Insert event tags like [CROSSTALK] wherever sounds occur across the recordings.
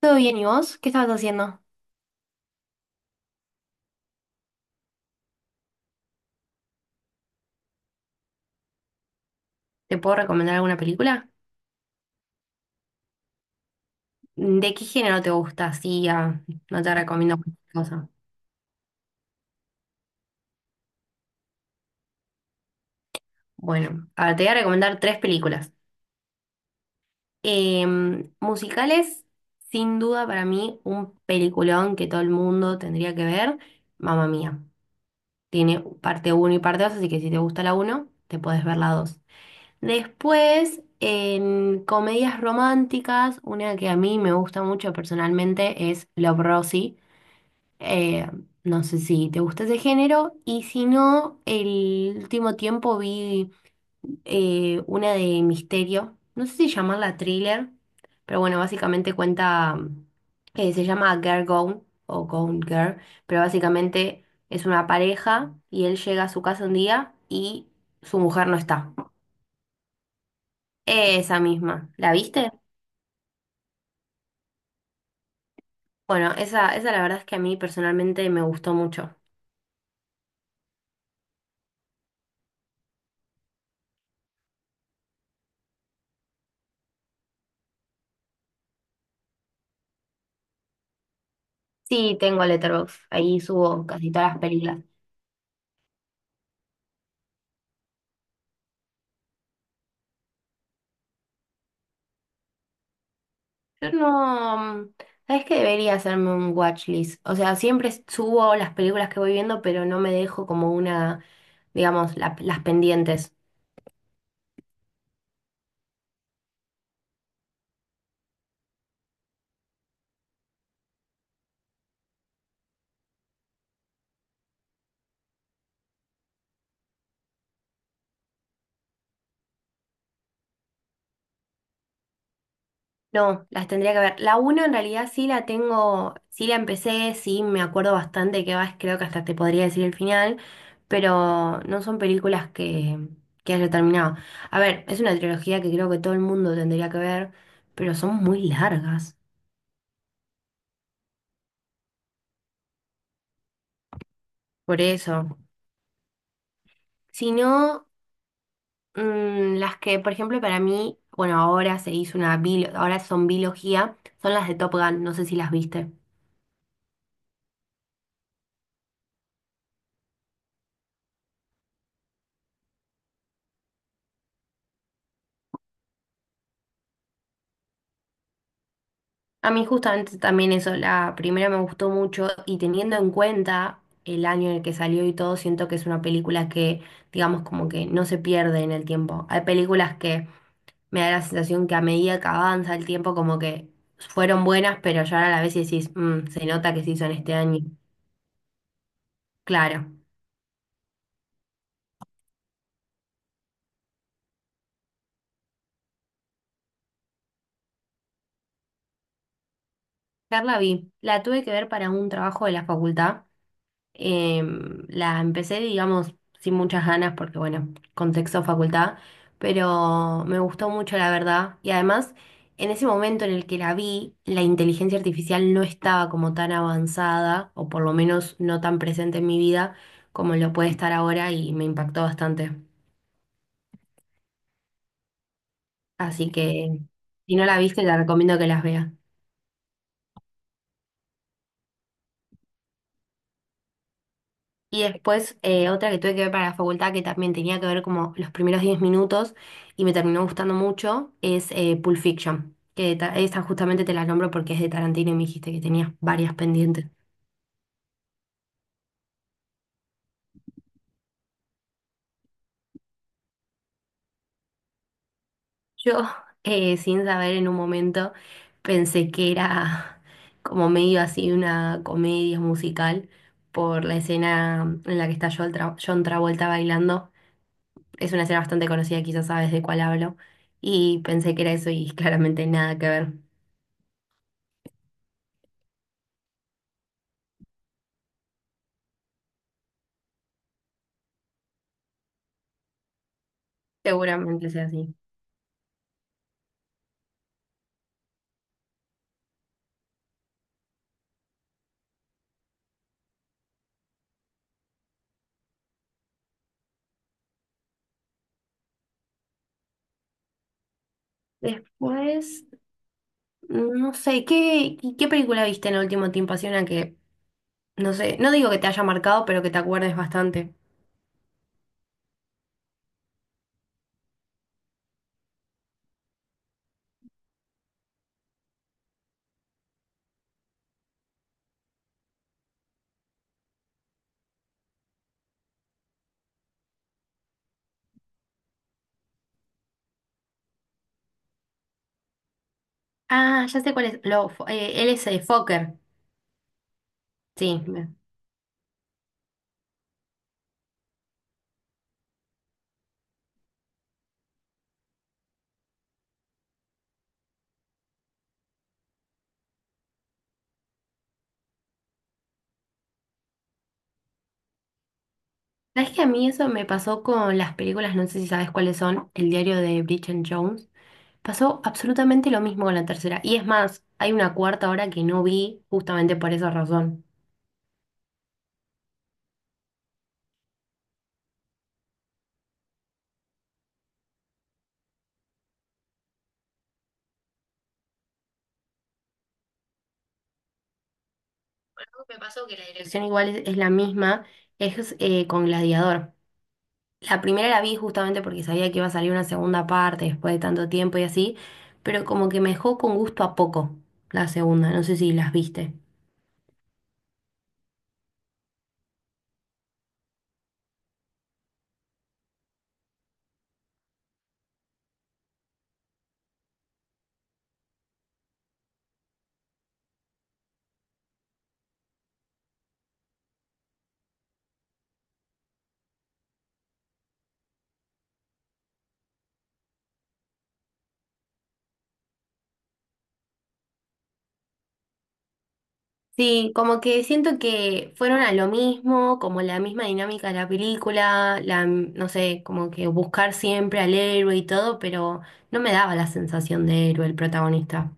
¿Todo bien y vos? ¿Qué estabas haciendo? ¿Te puedo recomendar alguna película? ¿De qué género te gusta? Así ya no te recomiendo cualquier cosa. Bueno, ahora te voy a recomendar tres películas. Musicales, sin duda para mí, un peliculón que todo el mundo tendría que ver, Mamma Mía. Tiene parte uno y parte 2, así que si te gusta la uno te podés ver la 2. Después, en comedias románticas, una que a mí me gusta mucho personalmente es Love, Rosie. Eh, no sé si te gusta ese género. Y si no, el último tiempo vi una de misterio. No sé si llamarla thriller, pero bueno, básicamente cuenta, se llama Girl Gone o Gone Girl, pero básicamente es una pareja y él llega a su casa un día y su mujer no está. Esa misma. ¿La viste? Bueno, esa la verdad es que a mí personalmente me gustó mucho. Sí, tengo Letterboxd. Ahí subo casi todas las películas. Yo no, sabes que debería hacerme un watchlist. O sea, siempre subo las películas que voy viendo, pero no me dejo como una, digamos, las pendientes. No, las tendría que ver. La uno en realidad sí la tengo, sí la empecé, sí me acuerdo bastante que vas, creo que hasta te podría decir el final, pero no son películas que haya terminado. A ver, es una trilogía que creo que todo el mundo tendría que ver, pero son muy largas. Por eso. Si no. Las que, por ejemplo, para mí, bueno, ahora se hizo ahora son biología, son las de Top Gun, no sé si las viste. A mí justamente también eso, la primera me gustó mucho y teniendo en cuenta el año en el que salió y todo, siento que es una película que, digamos, como que no se pierde en el tiempo. Hay películas que me da la sensación que a medida que avanza el tiempo, como que fueron buenas, pero ya a la vez decís: "Mm, se nota que se hizo en este año". Claro. Carla vi, la tuve que ver para un trabajo de la facultad. La empecé, digamos, sin muchas ganas porque, bueno, contexto facultad, pero me gustó mucho, la verdad. Y además, en ese momento en el que la vi, la inteligencia artificial no estaba como tan avanzada, o por lo menos no tan presente en mi vida como lo puede estar ahora y me impactó bastante. Así que, si no la viste, te recomiendo que las veas. Y después otra que tuve que ver para la facultad que también tenía que ver como los primeros 10 minutos y me terminó gustando mucho es Pulp Fiction, esa justamente te la nombro porque es de Tarantino y me dijiste que tenías varias pendientes. Yo, [LAUGHS] sin saber en un momento, pensé que era como medio así una comedia musical por la escena en la que está John Travolta bailando. Es una escena bastante conocida, quizás sabes de cuál hablo. Y pensé que era eso y claramente nada que ver. Seguramente sea así. Después, no sé, ¿qué película viste en el último tiempo? Así una que, no sé, no digo que te haya marcado, pero que te acuerdes bastante. Ah, ya sé cuál es. Él es el Fokker. Sí. ¿Sabes que a mí eso me pasó con las películas? No sé si sabes cuáles son. El diario de Bridget Jones. Pasó absolutamente lo mismo con la tercera. Y es más, hay una cuarta ahora que no vi justamente por esa razón. Me pasó que la dirección igual es la misma, es con Gladiador. La primera la vi justamente porque sabía que iba a salir una segunda parte después de tanto tiempo y así, pero como que me dejó con gusto a poco la segunda, no sé si las viste. Sí, como que siento que fueron a lo mismo, como la misma dinámica de la película, la, no sé, como que buscar siempre al héroe y todo, pero no me daba la sensación de héroe el protagonista.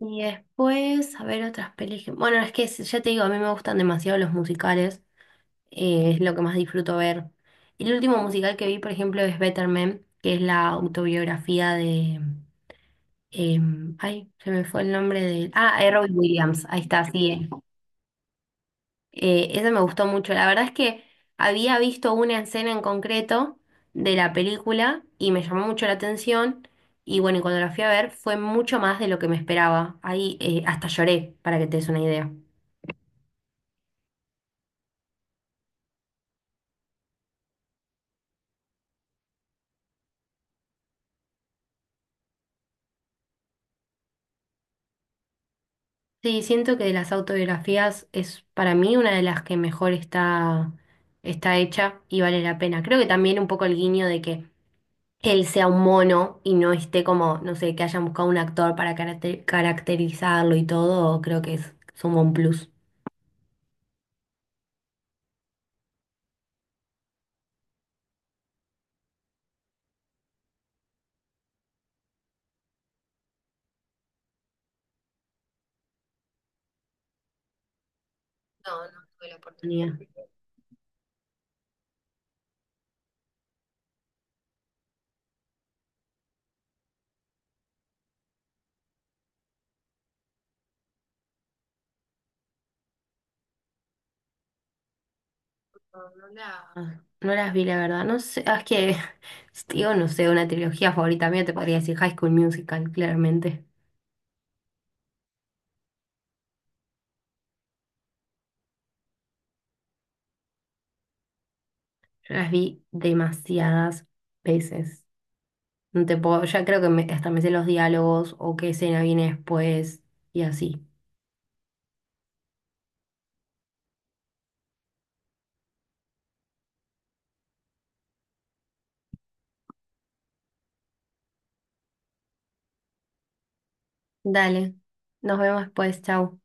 Y después, a ver otras películas. Bueno, es que ya te digo, a mí me gustan demasiado los musicales. Es lo que más disfruto ver. El último musical que vi, por ejemplo, es Better Man, que es la autobiografía de... ay, se me fue el nombre de... Ah, Robbie Williams, ahí está, sí. Ese me gustó mucho. La verdad es que había visto una escena en concreto de la película y me llamó mucho la atención. Y bueno, y cuando la fui a ver fue mucho más de lo que me esperaba. Ahí hasta lloré, para que te des una idea. Sí, siento que de las autobiografías es para mí una de las que mejor está hecha y vale la pena. Creo que también un poco el guiño de que él sea un mono y no esté como, no sé, que hayan buscado un actor para caracterizarlo y todo, creo que es, suma un plus. No las vi, la verdad. No sé, es que, [LAUGHS] digo, no sé, una trilogía favorita mía te podría decir High School Musical, claramente. No las vi demasiadas veces. No te puedo, ya creo que hasta me sé los diálogos o qué escena viene después y así. Dale, nos vemos después, chau.